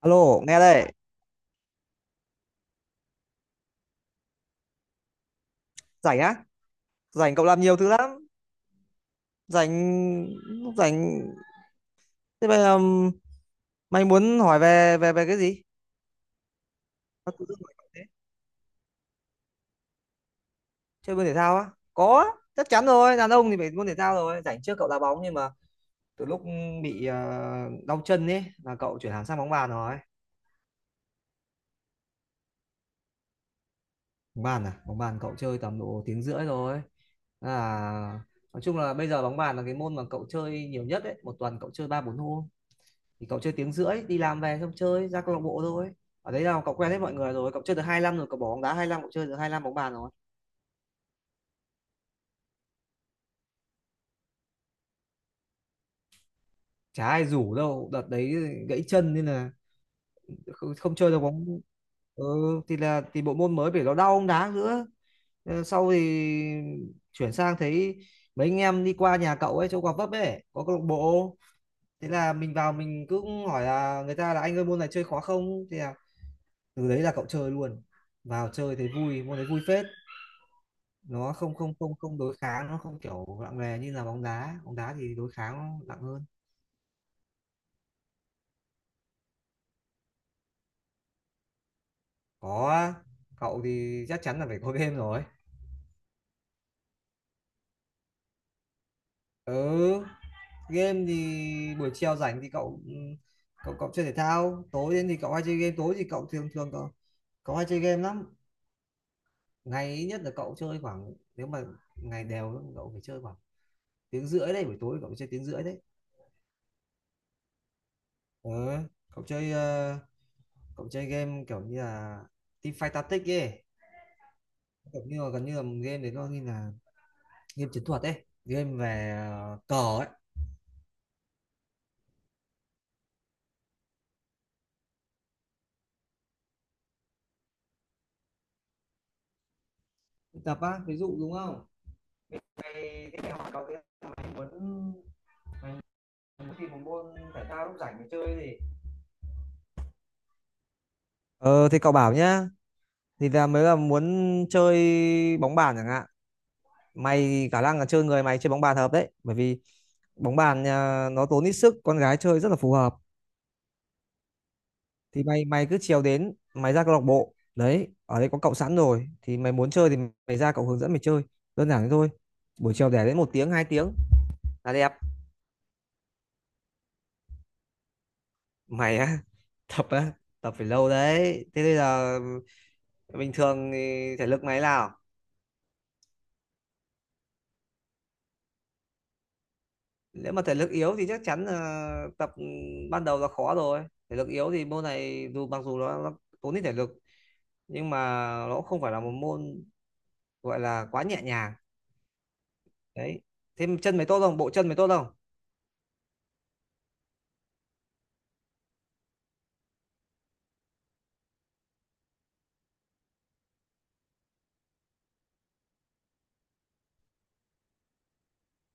Alo, nghe đây, rảnh á? Rảnh cậu làm nhiều thứ lắm, rảnh rảnh thế bây giờ mày muốn hỏi về về về cái gì? Tao tự dưng hỏi cậu thế. Chơi môn thể thao á? Có, chắc chắn rồi, đàn ông thì phải môn thể thao rồi, rảnh trước cậu đá bóng nhưng mà từ lúc bị đau chân ấy là cậu chuyển hẳn sang bóng bàn rồi. Bóng bàn à? Bóng bàn cậu chơi tầm độ tiếng rưỡi rồi. À, nói chung là bây giờ bóng bàn là cái môn mà cậu chơi nhiều nhất đấy, một tuần cậu chơi 3 4 hôm. Thì cậu chơi tiếng rưỡi, đi làm về xong chơi ra câu lạc bộ thôi. Ở đấy là cậu quen hết mọi người rồi, cậu chơi được 2 năm rồi, cậu bỏ bóng đá 2 năm, cậu chơi được hai năm bóng bàn rồi. Chả ai rủ đâu, đợt đấy gãy chân nên là không chơi được bóng. Ừ, thì bộ môn mới phải, nó đau bóng đá nữa. Ờ, sau thì chuyển sang thấy mấy anh em đi qua nhà cậu ấy chỗ Gò Vấp ấy có câu lạc bộ. Thế là mình vào mình cứ hỏi là người ta là anh ơi môn này chơi khó không, thì là từ đấy là cậu chơi luôn. Vào chơi thấy vui, môn đấy vui phết. Nó không không không không đối kháng, nó không kiểu nặng nề như là bóng đá, bóng đá thì đối kháng nó nặng hơn. Có, cậu thì chắc chắn là phải có game rồi. Ừ, game thì buổi chiều rảnh thì cậu cậu chơi thể thao, tối đến thì cậu hay chơi game, tối thì cậu thường thường cậu cậu hay chơi game lắm. Ngày ít nhất là cậu chơi khoảng, nếu mà ngày đều cậu phải chơi khoảng tiếng rưỡi đấy, buổi tối cậu phải chơi tiếng rưỡi đấy. Ừ. Cậu chơi cậu chơi game kiểu như là Teamfight Tactics ấy, kiểu như là gần như là game đấy, nó như là game chiến thuật ấy, game về cờ ấy. Tập á, ví dụ đúng không? Mày, thế mày hỏi cậu thế, mày muốn, mày tìm một môn thể thao lúc rảnh để chơi gì? Ờ thì cậu bảo nhá. Thì là mới là muốn chơi bóng bàn chẳng hạn. Mày khả năng là chơi, người mày chơi bóng bàn hợp đấy. Bởi vì bóng bàn à, nó tốn ít sức, con gái chơi rất là phù hợp. Thì mày mày cứ chiều đến mày ra câu lạc bộ đấy, ở đây có cậu sẵn rồi, thì mày muốn chơi thì mày ra cậu hướng dẫn mày chơi, đơn giản thế thôi. Buổi chiều để đến một tiếng hai tiếng là đẹp. Mày á? Tập á? Tập phải lâu đấy, thế bây giờ bình thường thì thể lực mày nào? Nếu mà thể lực yếu thì chắc chắn là tập ban đầu là khó rồi, thể lực yếu thì môn này dù mặc dù nó tốn ít thể lực, nhưng mà nó cũng không phải là một môn gọi là quá nhẹ nhàng. Đấy, thế chân mày tốt không, bộ chân mày tốt không?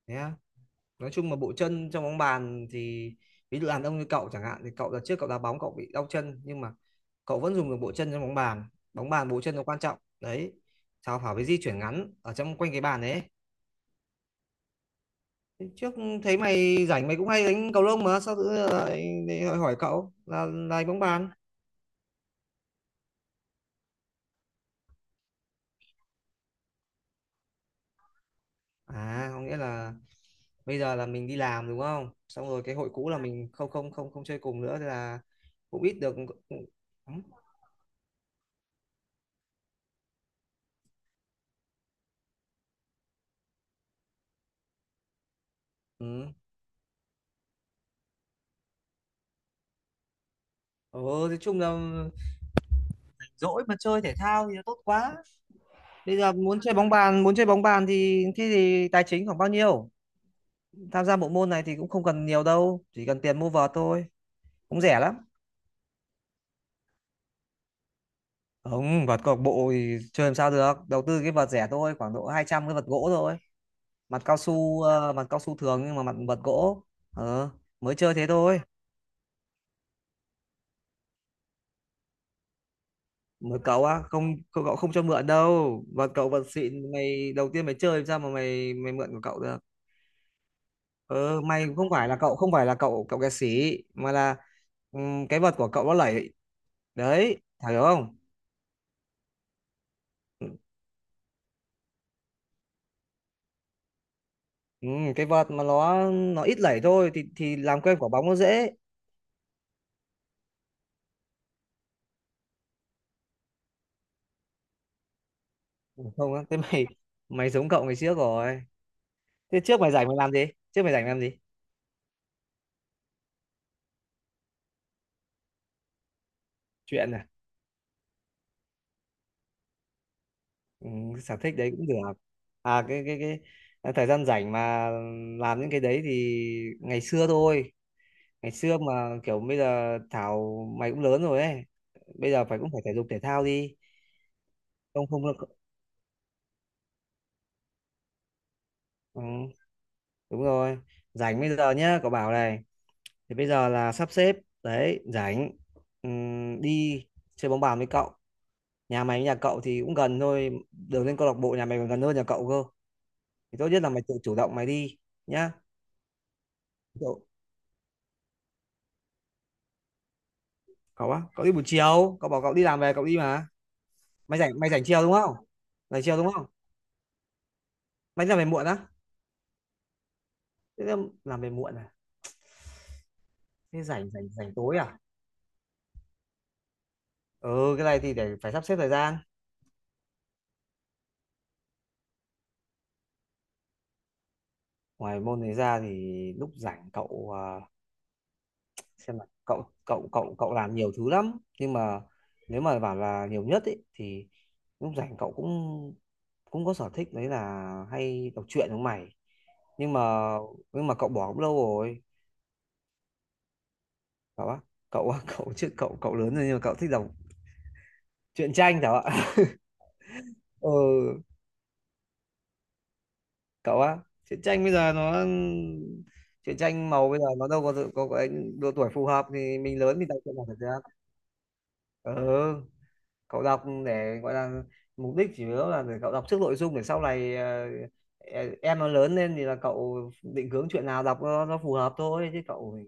Thế á? Nói chung mà bộ chân trong bóng bàn thì ví dụ đàn ông như cậu chẳng hạn thì cậu đợt trước cậu đá bóng cậu bị đau chân, nhưng mà cậu vẫn dùng được bộ chân trong bóng bàn, bóng bàn bộ chân nó quan trọng đấy. Sao phải, với di chuyển ngắn ở trong quanh cái bàn đấy. Trước thấy mày rảnh mày cũng hay đánh cầu lông, mà sao tự nhiên lại lại hỏi hỏi cậu là bóng bàn? À, có nghĩa là bây giờ là mình đi làm đúng không, xong rồi cái hội cũ là mình không không không không chơi cùng nữa, thế là cũng ít được. Ừ, Ừ, nói chung là dỗi mà chơi thể thao thì tốt quá. Bây giờ muốn chơi bóng bàn, muốn chơi bóng bàn thì thế thì tài chính khoảng bao nhiêu? Tham gia bộ môn này thì cũng không cần nhiều đâu, chỉ cần tiền mua vợt thôi, cũng rẻ lắm. Không, vợt câu lạc bộ thì chơi làm sao được, đầu tư cái vợt rẻ thôi, khoảng độ 200, cái vợt gỗ thôi. Mặt cao su mặt cao su thường nhưng mà mặt vợt gỗ. Ờ, mới chơi thế thôi. Mới cậu á, không cậu, cậu không cho mượn đâu. Vợt cậu vợt xịn, mày đầu tiên mày chơi làm sao mà mày mày mượn của cậu được. Ờ, mày không phải là cậu không phải là cậu cậu kẹt xỉ mà là cái vợt của cậu nó lẩy, đấy Thảo hiểu không? Cái vợt mà nó ít lẩy thôi thì làm quen quả bóng nó dễ. Ừ, không á, thế mày mày giống cậu ngày trước rồi. Thế trước mày rảnh mày làm gì, trước mày rảnh làm gì? Chuyện à? Sở thích đấy cũng được. À, cái thời gian rảnh mà làm những cái đấy thì ngày xưa thôi, ngày xưa mà kiểu bây giờ Thảo mày cũng lớn rồi ấy, bây giờ phải cũng phải thể dục thể thao đi. Không, không được. Ừ, đúng rồi. Rảnh bây giờ nhá, cậu bảo này, thì bây giờ là sắp xếp, đấy rảnh. Đi chơi bóng bàn với cậu, nhà mày với nhà cậu thì cũng gần thôi, đường lên câu lạc bộ nhà mày còn gần hơn nhà cậu cơ, thì tốt nhất là mày tự chủ động mày đi nhá. Cậu cậu á, cậu đi buổi chiều, cậu bảo cậu đi làm về cậu đi mà. Mày rảnh chiều đúng không? Rảnh chiều đúng không? Mày đi làm về muộn á? Thế làm về muộn à? Thế rảnh rảnh rảnh tối à? Ừ, cái này thì để phải sắp xếp thời gian. Ngoài môn này ra thì lúc rảnh cậu à, xem là cậu cậu cậu cậu làm nhiều thứ lắm, nhưng mà nếu mà bảo là nhiều nhất ấy thì lúc rảnh cậu cũng cũng có sở thích đấy là hay đọc truyện giống mày. Nhưng mà nhưng mà cậu bỏ cũng lâu rồi. Cậu á, cậu cậu chứ cậu cậu lớn rồi, nhưng mà cậu thích đọc truyện tranh hả ạ? Ừ, cậu á, truyện tranh bây giờ nó truyện tranh màu bây giờ nó đâu có có cái độ tuổi phù hợp, thì mình lớn thì đọc truyện nào phải ra. Ừ, cậu đọc để gọi là, mục đích chủ yếu là để cậu đọc trước nội dung để sau này em nó lớn lên thì là cậu định hướng chuyện nào đọc nó phù hợp thôi, chứ cậu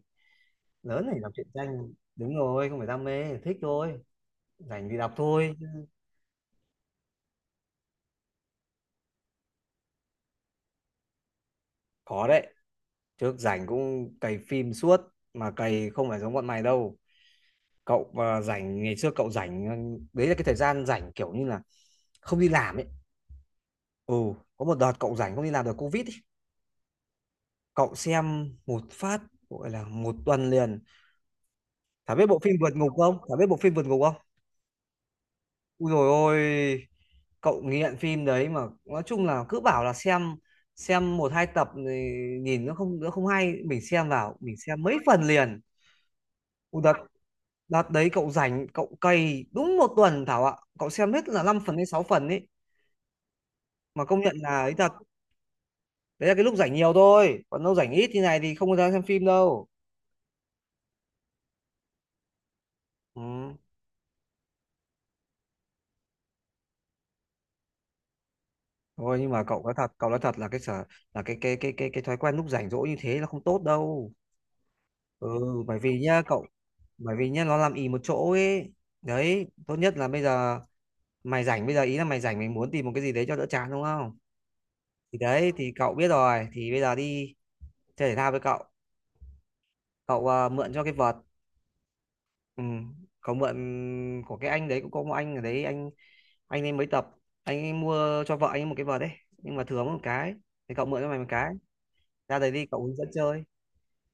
lớn này đọc truyện tranh đúng rồi không phải đam mê, thích thôi, rảnh thì đọc thôi. Khó đấy, trước rảnh cũng cày phim suốt, mà cày không phải giống bọn mày đâu. Cậu à, rảnh ngày xưa cậu rảnh đấy là cái thời gian rảnh kiểu như là không đi làm ấy. Ừ, có một đợt cậu rảnh không đi làm được, COVID ấy. Cậu xem một phát, gọi là một tuần liền. Thảo biết bộ phim vượt ngục không? Thảo biết bộ phim vượt ngục không? Ui rồi ôi, cậu nghiện phim đấy, mà nói chung là cứ bảo là xem một hai tập thì nhìn nó không, nó không hay, mình xem vào mình xem mấy phần liền. Ui đợt đợt đấy cậu rảnh cậu cày đúng một tuần Thảo ạ, cậu xem hết là 5 phần đến 6 phần ấy. Mà công nhận là ấy thật, đấy là cái lúc rảnh nhiều thôi, còn lúc rảnh ít như này thì không có ra xem phim đâu. Ừ, thôi nhưng mà cậu nói thật, cậu nói thật là cái sở là cái thói quen lúc rảnh rỗi như thế là không tốt đâu. Ừ, bởi vì nhá cậu, bởi vì nhá nó làm ì một chỗ ấy. Đấy tốt nhất là bây giờ mày rảnh, bây giờ ý là mày rảnh mày muốn tìm một cái gì đấy cho đỡ chán đúng không? Thì đấy thì cậu biết rồi, thì bây giờ đi chơi thể thao với cậu. Cậu à, mượn cho cái vợt. Ừ. Cậu mượn của cái anh đấy, cũng có một anh ở đấy, anh ấy mới tập, anh ấy mua cho vợ anh ấy một cái vợt đấy, nhưng mà thừa mất một cái, thì cậu mượn cho mày một cái. Ra đấy đi cậu hướng dẫn chơi,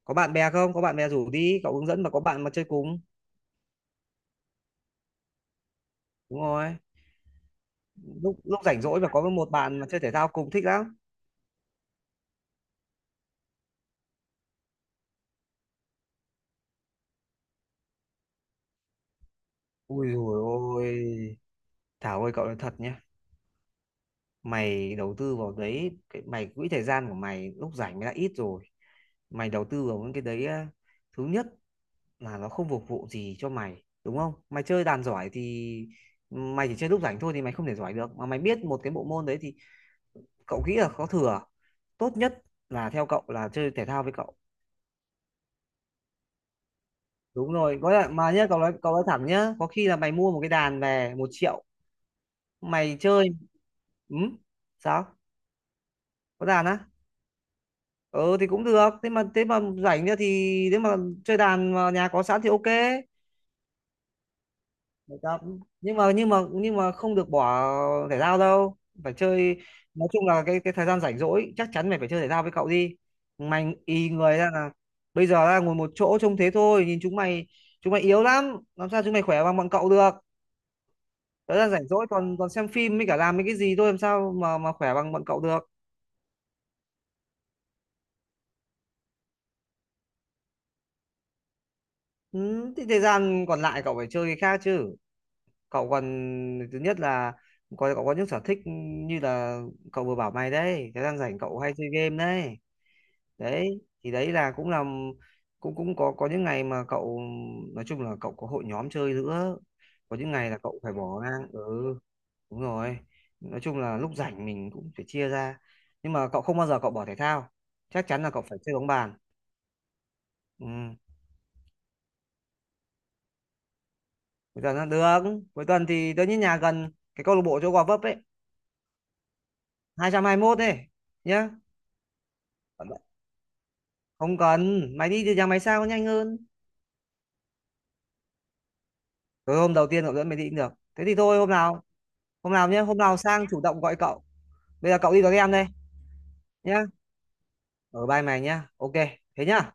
có bạn bè không, có bạn bè rủ đi cậu hướng dẫn mà có bạn mà chơi cùng. Đúng rồi, lúc lúc rảnh rỗi và có một bạn mà chơi thể thao cùng thích lắm. Ui dồi ôi Thảo ơi, cậu nói thật nhá, mày đầu tư vào đấy mày, quỹ thời gian của mày lúc rảnh mày đã ít rồi, mày đầu tư vào những cái đấy, thứ nhất là nó không phục vụ gì cho mày đúng không, mày chơi đàn giỏi thì mày chỉ chơi lúc rảnh thôi thì mày không thể giỏi được, mà mày biết một cái bộ môn đấy thì cậu nghĩ là có thừa, tốt nhất là theo cậu là chơi thể thao với cậu. Đúng rồi, có lẽ mà nhá, cậu nói thẳng nhá, có khi là mày mua một cái đàn về 1 triệu mày chơi. Ừ? Sao có đàn á? Ừ thì cũng được, thế mà rảnh nữa thì nếu mà chơi đàn mà nhà có sẵn thì ok. Bài tập nhưng mà không được bỏ thể thao đâu, phải chơi. Nói chung là cái thời gian rảnh rỗi chắc chắn mày phải chơi thể thao với cậu đi, mày y người ra là bây giờ ra ngồi một chỗ trông thế thôi, nhìn chúng mày, chúng mày yếu lắm làm sao chúng mày khỏe bằng bọn cậu được. Thời gian rảnh rỗi còn còn xem phim với cả làm mấy cái gì thôi, làm sao mà khỏe bằng bọn cậu được. Ừ, thì thời gian còn lại cậu phải chơi cái khác chứ. Cậu còn, thứ nhất là có cậu có những sở thích như là cậu vừa bảo mày đấy, thời gian rảnh cậu hay chơi game đấy. Đấy thì đấy là cũng cũng có những ngày mà cậu, nói chung là cậu có hội nhóm chơi nữa. Có những ngày là cậu phải bỏ ngang. Ừ, đúng rồi, nói chung là lúc rảnh mình cũng phải chia ra, nhưng mà cậu không bao giờ cậu bỏ thể thao, chắc chắn là cậu phải chơi bóng bàn. Ừ, cuối tuần là được. Cuối tuần thì tớ nhất nhà gần cái câu lạc bộ chỗ Gò Vấp ấy, hai 221 ấy nhá. Không cần, mày đi từ nhà mày sang có nhanh hơn. Rồi hôm đầu tiên cậu dẫn mày đi cũng được, thế thì thôi hôm nào, nhé, hôm nào sang chủ động gọi cậu. Bây giờ cậu đi vào game đây nhá, ở vai mày nhá ok, thế nhá.